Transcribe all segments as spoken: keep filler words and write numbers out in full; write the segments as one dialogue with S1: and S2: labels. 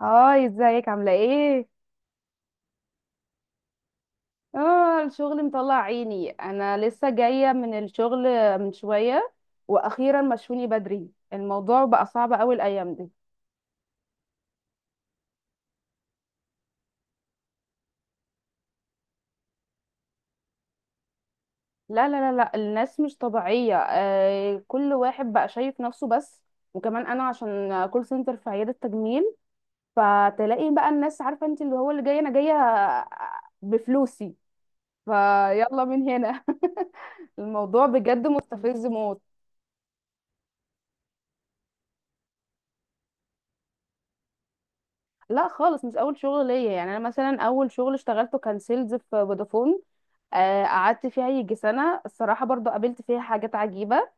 S1: هاي، ازيك؟ عاملة ايه؟ اه، الشغل مطلع عيني. انا لسه جاية من الشغل من شوية. واخيرا مشوني بدري. الموضوع بقى صعب اوي الايام دي. لا لا لا لا الناس مش طبيعية. آه، كل واحد بقى شايف نفسه بس. وكمان انا عشان كول سنتر في عيادة تجميل، فتلاقي بقى الناس عارفة انت اللي هو اللي جاي. انا جاية بفلوسي فيلا من هنا. الموضوع بجد مستفز موت. لا خالص، مش اول شغل ليا. يعني انا مثلا اول شغل اشتغلته كان سيلز في فودافون. آه، قعدت فيها يجي سنه، الصراحه برضو قابلت فيها حاجات عجيبه.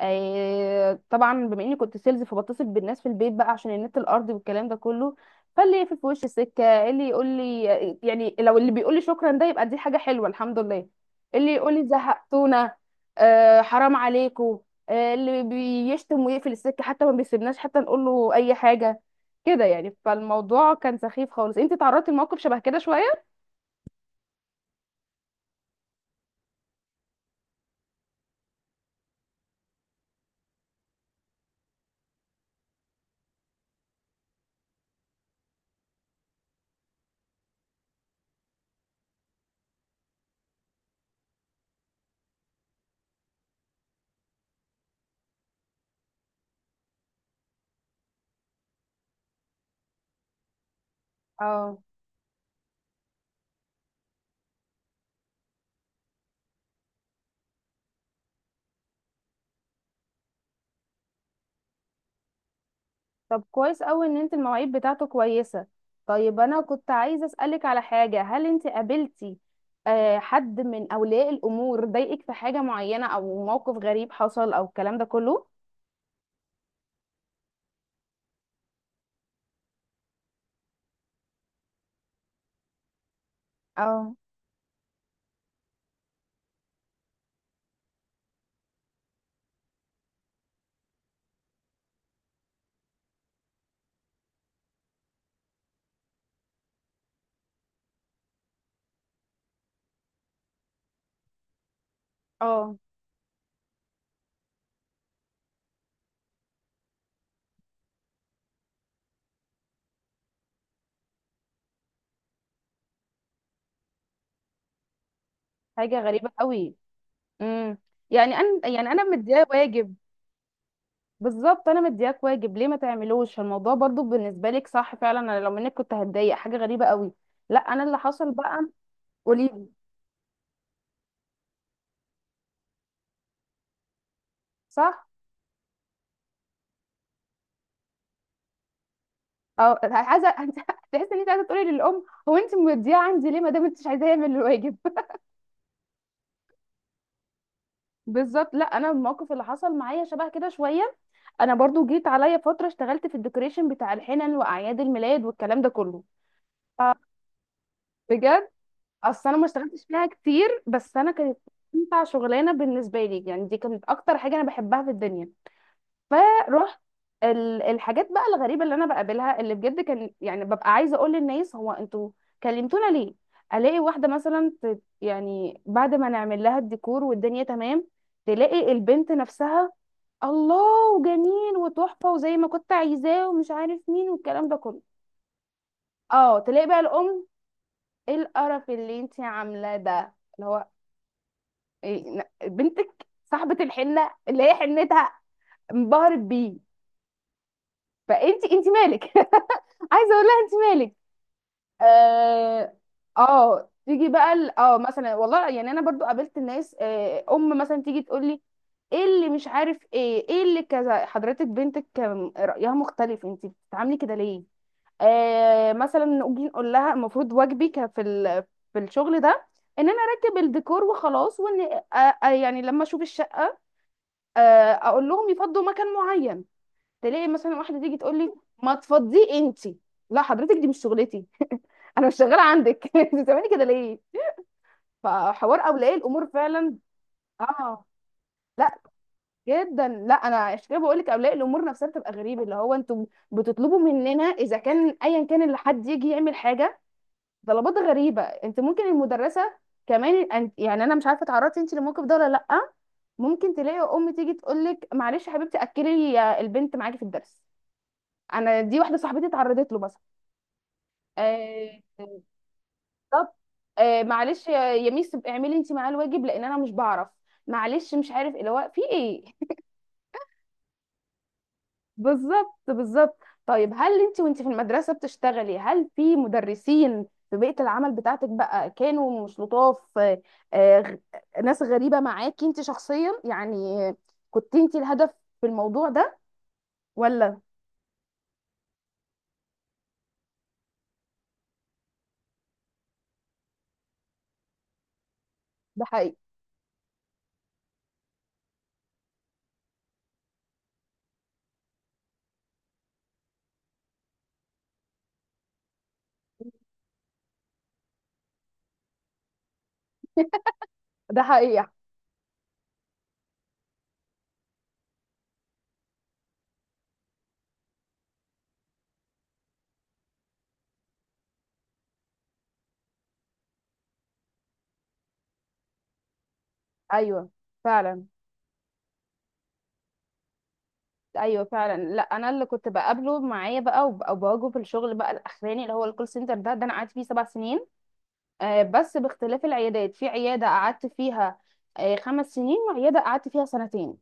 S1: آه، طبعا بما اني كنت سيلز، فبتصل بالناس في البيت بقى عشان النت الارضي والكلام ده كله. فاللي يقفل في وش السكه، اللي يقول لي، يعني لو اللي بيقول لي شكرا، ده يبقى دي حاجه حلوه الحمد لله. اللي يقول لي زهقتونا، آه، حرام عليكم. آه، اللي بيشتم ويقفل السكه، حتى ما بيسيبناش حتى نقول له اي حاجه، كده يعني. فالموضوع كان سخيف خالص. انت تعرضتي لموقف شبه كده شويه؟ اه. طب كويس قوي ان انت المواعيد بتاعته كويسة. طيب انا كنت عايزة اسألك على حاجة، هل انت قابلتي آه، حد من اولياء الامور ضايقك في حاجة معينة، او موقف غريب حصل، او الكلام ده كله؟ اه. اه، حاجة غريبة قوي. امم يعني انا يعني انا مدياه واجب. بالظبط، انا مدياك واجب، ليه ما تعملوش؟ الموضوع برضو بالنسبة لك صح. فعلا انا لو منك كنت هتضايق. حاجة غريبة قوي. لا انا اللي حصل بقى، قوليلي. صح. اه، عايزه تحس ان انت عايزه تقولي للام، هو انت موديها عندي ليه ما دام انت مش عايزاه يعمل الواجب؟ بالظبط. لا انا الموقف اللي حصل معايا شبه كده شويه. انا برضو جيت عليا فتره اشتغلت في الديكوريشن بتاع الحنن واعياد الميلاد والكلام ده كله. اه بجد. اصل انا ما اشتغلتش فيها كتير، بس انا كانت امتع شغلانه بالنسبه لي. يعني دي كانت اكتر حاجه انا بحبها في الدنيا. فروحت. ال- الحاجات بقى الغريبه اللي انا بقابلها، اللي بجد كان يعني ببقى عايزه اقول للناس، هو انتوا كلمتونا ليه؟ الاقي واحده مثلا ت- يعني بعد ما نعمل لها الديكور والدنيا تمام، تلاقي البنت نفسها الله، وجميل وتحفه وزي ما كنت عايزاه ومش عارف مين والكلام ده كله. اه. تلاقي بقى الام، ايه القرف اللي انت عاملاه ده؟ اللي هو، إيه ن- بنتك صاحبه الحنه اللي هي حنتها، انبهرت بيه، فانت انت مالك؟ عايزه اقول لها انت مالك. اه. اه تيجي بقى ال- اه مثلا والله، يعني انا برضو قابلت الناس. آه ام مثلا تيجي تقول لي ايه اللي مش عارف ايه، ايه اللي كذا، حضرتك بنتك كان رايها مختلف، انت بتتعاملي كده ليه؟ آه مثلا نيجي نقول لها المفروض واجبي ك- في ال- في الشغل ده ان انا اركب الديكور وخلاص، وان آه آه يعني لما اشوف الشقه، آه اقول لهم يفضوا مكان معين. تلاقي مثلا واحده تيجي تقول لي، ما تفضيه انت. لا حضرتك، دي مش شغلتي. انا مش شغاله عندك. انت بتعملي كده ليه؟ فحوار اولياء الامور فعلا. اه. لا جدا، لا. انا عشان كده بقول لك اولياء الامور نفسها بتبقى غريبه. اللي هو انتوا بتطلبوا مننا، اذا كان ايا كان اللي حد يجي يعمل حاجه، طلبات غريبه. انت ممكن المدرسه كمان، أنت- يعني انا مش عارفه اتعرضتي انت للموقف ده ولا لا. ممكن تلاقي ام تيجي تقول لك، معلش يا حبيبتي اكلي البنت معاكي في الدرس. انا دي واحده صاحبتي اتعرضت له مثلا. آه. طب، آه معلش يا يا ميس اعملي انت معاه الواجب لان انا مش بعرف، معلش مش عارف اللي هو في ايه. بالظبط بالظبط. طيب، هل انت وانت في المدرسه بتشتغلي، هل في مدرسين في بيئه العمل بتاعتك بقى كانوا مش لطاف؟ آه آه، غ- ناس غريبه معاكي انت شخصيا يعني؟ آه، كنت انت الهدف في الموضوع ده ولا؟ ده حقيقي. ده حقيقي. ايوه فعلا. ايوه فعلا. لا انا اللي كنت بقابله معايا بقى وب- وبواجهه في الشغل بقى الاخراني، اللي هو الكول سنتر ده، ده انا قعدت فيه سبع سنين. آه، بس باختلاف العيادات. في عياده قعدت فيها آه، خمس سنين، وعياده قعدت فيها سنتين.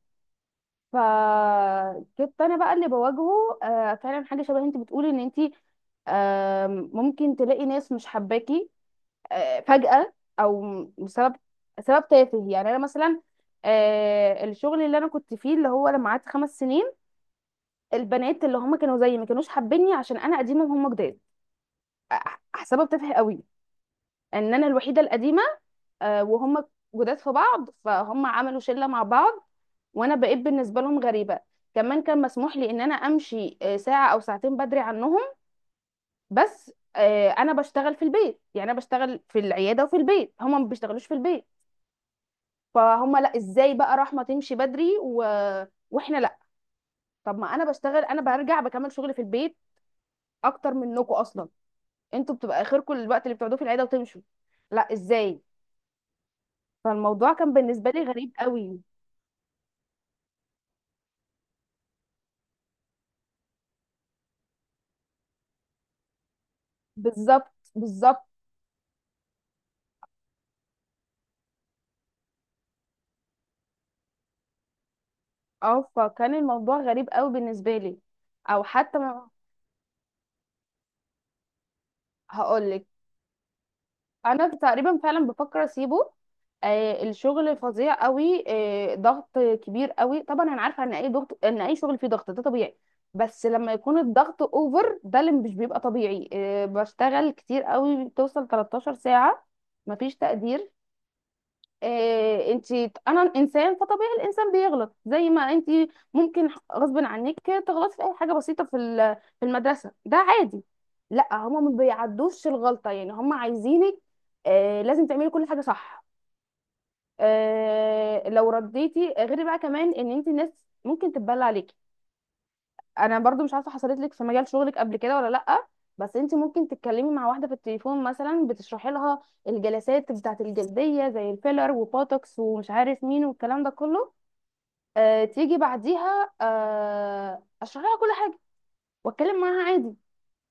S1: فكنت انا بقى اللي بواجهه. آه، فعلا حاجه شبه انت بتقولي ان انت، آم، ممكن تلاقي ناس مش حباكي آه، فجأة، او بسبب سبب تافه. يعني انا مثلا آه، الشغل اللي انا كنت فيه، اللي هو لما قعدت خمس سنين، البنات اللي هم كانوا زيي ما كانوش حابيني عشان انا قديمه وهم جداد. احسبها بتافه قوي، ان انا الوحيده القديمه آه، وهم جداد في بعض. فهم عملوا شله مع بعض وانا بقيت بالنسبه لهم غريبه. كمان كان مسموح لي ان انا امشي آه، ساعه او ساعتين بدري عنهم، بس آه، انا بشتغل في البيت. يعني انا بشتغل في العياده وفي البيت، هم ما بيشتغلوش في البيت. فهم لا، ازاي بقى رحمه تمشي بدري و... واحنا لا؟ طب ما انا بشتغل، انا برجع بكمل شغلي في البيت اكتر منكم اصلا. انتوا بتبقى اخركم الوقت اللي بتقعدوه في العياده وتمشوا. لا، ازاي؟ فالموضوع كان بالنسبه لي غريب قوي. بالظبط بالظبط. اه، فكان الموضوع غريب قوي بالنسبه لي، او حتى ما. هقول لك، انا تقريبا فعلا بفكر اسيبه. آه الشغل فظيع قوي. آه، ضغط كبير قوي. طبعا انا عارفه ان اي ضغط، ان اي شغل فيه ضغط، ده طبيعي. بس لما يكون الضغط اوفر، ده اللي مش بيبقى طبيعي. آه بشتغل كتير قوي، بتوصل تلتاشر ساعه. مفيش تقدير. آه انت انا انسان، فطبيعي الانسان بيغلط زي ما انت ممكن غصب عنك تغلطي في اي حاجه بسيطه. في ال- في المدرسه، ده عادي. لا هما ما بيعدوش الغلطه. يعني هما عايزينك آه لازم تعملي كل حاجه صح. آه لو رديتي غير بقى، كمان ان انت الناس ممكن تتبلى عليكي. انا برضو مش عارفه حصلت لك في مجال شغلك قبل كده ولا لا. بس انت ممكن تتكلمي مع واحده في التليفون مثلا، بتشرحي لها الجلسات بتاعه الجلديه زي الفيلر وبوتوكس ومش عارف مين والكلام ده كله. آه تيجي بعديها، آه اشرح لها كل حاجه واتكلم معاها عادي.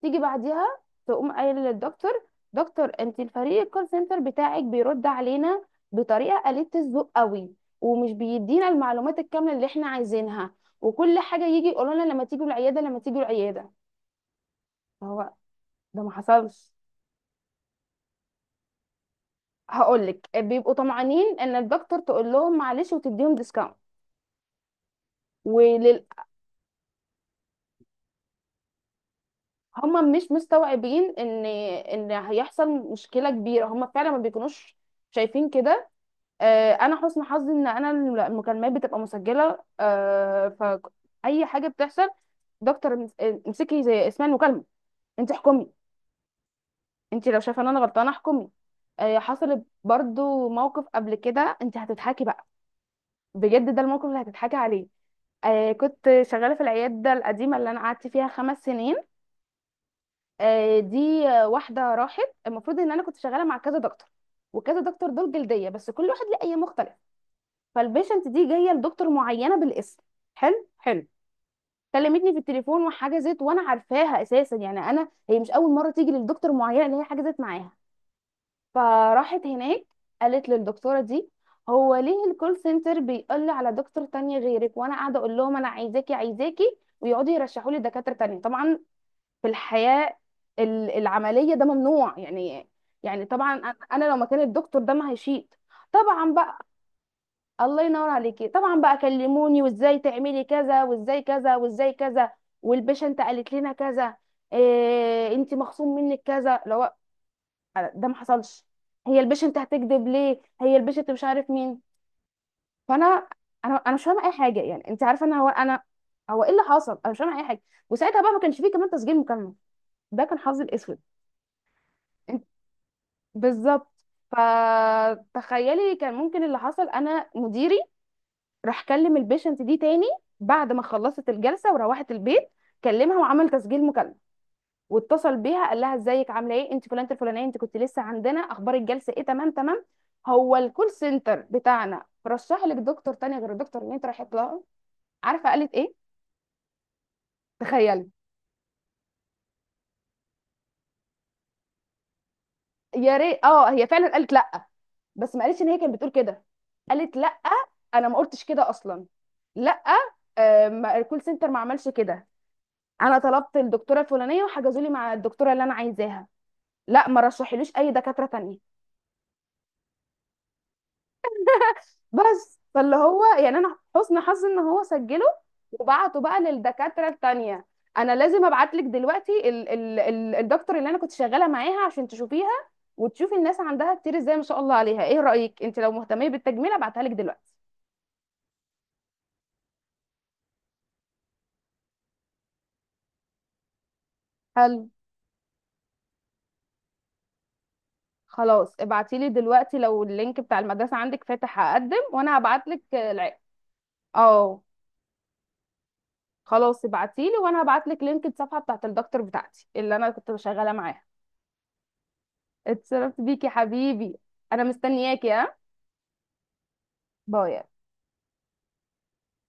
S1: تيجي بعديها، تقوم قايله للدكتور، دكتور، انت الفريق الكول سنتر بتاعك بيرد علينا بطريقه قليله الذوق قوي، ومش بيدينا المعلومات الكامله اللي احنا عايزينها، وكل حاجه يجي يقولوا لنا لما تيجوا العياده، لما تيجوا العياده. هو ده ما حصلش. هقولك، بيبقوا طمعانين ان الدكتور تقول لهم معلش وتديهم ديسكاونت. ولل... هم مش مستوعبين ان ان هيحصل مشكله كبيره. هم فعلا ما بيكونوش شايفين كده. آه، انا حسن حظي ان انا المكالمات بتبقى مسجله. آه فاي حاجه بتحصل، دكتور، امس- امسكي زي اسمها المكالمه، انت احكمي. انت لو شايفه ان انا غلطانه احكمي. آه، حصل برضو موقف قبل كده انت هتضحكي بقى، بجد ده الموقف اللي هتضحكي عليه. آه كنت شغالة في العيادة القديمة اللي أنا قعدت فيها خمس سنين. آه دي آه، واحدة راحت. المفروض إن أنا كنت شغالة مع كذا دكتور، وكذا دكتور دول جلدية، بس كل واحد ليه أي مختلف. فالبيشنت دي جاية لدكتور معينة بالاسم. حلو حلو. كلمتني في التليفون وحجزت، وأنا عارفاها أساسا. يعني أنا، هي مش أول مرة تيجي للدكتور معينة اللي هي حجزت معاها. فراحت هناك، قالت للدكتوره دي، هو ليه الكول سنتر بيقول لي على دكتور تانية غيرك، وانا قاعده اقول لهم انا عايزاكي عايزاكي، ويقعدوا يرشحوا لي دكاتره تانية؟ طبعا في الحياه ال- العمليه ده ممنوع يعني. يعني طبعا انا أنا لو مكان الدكتور ده ما هيشيط. طبعا بقى. الله ينور عليكي. طبعا بقى كلموني، وازاي تعملي كذا، وازاي كذا، وازاي كذا، والبيشنت قالت لنا كذا. إيه، انت مخصوم منك كذا لو. ده ما حصلش. هي البيشنت هتكذب ليه؟ هي البيشنت مش عارف مين. فانا، انا انا مش فاهمه اي حاجه، يعني انت عارفه انا. هو انا هو ايه اللي حصل؟ انا مش فاهمه اي حاجه. وساعتها بقى ما كانش فيه كمان تسجيل مكالمه، ده كان حظي الاسود. انت بالظبط. فتخيلي، كان ممكن اللي حصل. انا مديري راح كلم البيشنت دي تاني بعد ما خلصت الجلسه وروحت البيت، كلمها وعمل تسجيل مكالمه، واتصل بيها قال لها ازيك؟ عامله ايه؟ انت فلانه الفلانيه، انت كنت لسه عندنا، اخبار الجلسه ايه؟ تمام تمام. هو الكول سنتر بتاعنا رشح لك دكتور تاني غير الدكتور اللي انت رايحه لها؟ عارفه قالت ايه؟ تخيلي. يا ريت. اه، هي فعلا قالت لا، بس ما قالتش ان هي كانت بتقول كده. قالت لا، انا ما قلتش كده اصلا. لا آه، ما- الكول سنتر ما عملش كده. انا طلبت الدكتوره الفلانيه وحجزوا لي مع الدكتوره اللي انا عايزاها. لا ما رشحليش اي دكاتره تانية. بس فاللي هو يعني انا حسن حظ ان هو سجله، وبعته بقى للدكاتره التانية. انا لازم ابعت لك دلوقتي ال ال ال الدكتور اللي انا كنت شغاله معاها عشان تشوفيها، وتشوفي الناس عندها كتير ازاي ما شاء الله عليها. ايه رايك انت لو مهتمه بالتجميل ابعتها لك دلوقتي؟ حلو. خلاص ابعتي لي دلوقتي لو اللينك بتاع المدرسه عندك فاتح، هقدم وانا هبعت لك العقد. اه خلاص ابعتي لي، وانا هبعت لك لينك الصفحه بتاعت الدكتور بتاعتي اللي انا كنت شغاله معاها. اتشرفت بيكي حبيبي. انا مستنياكي، ها. باي.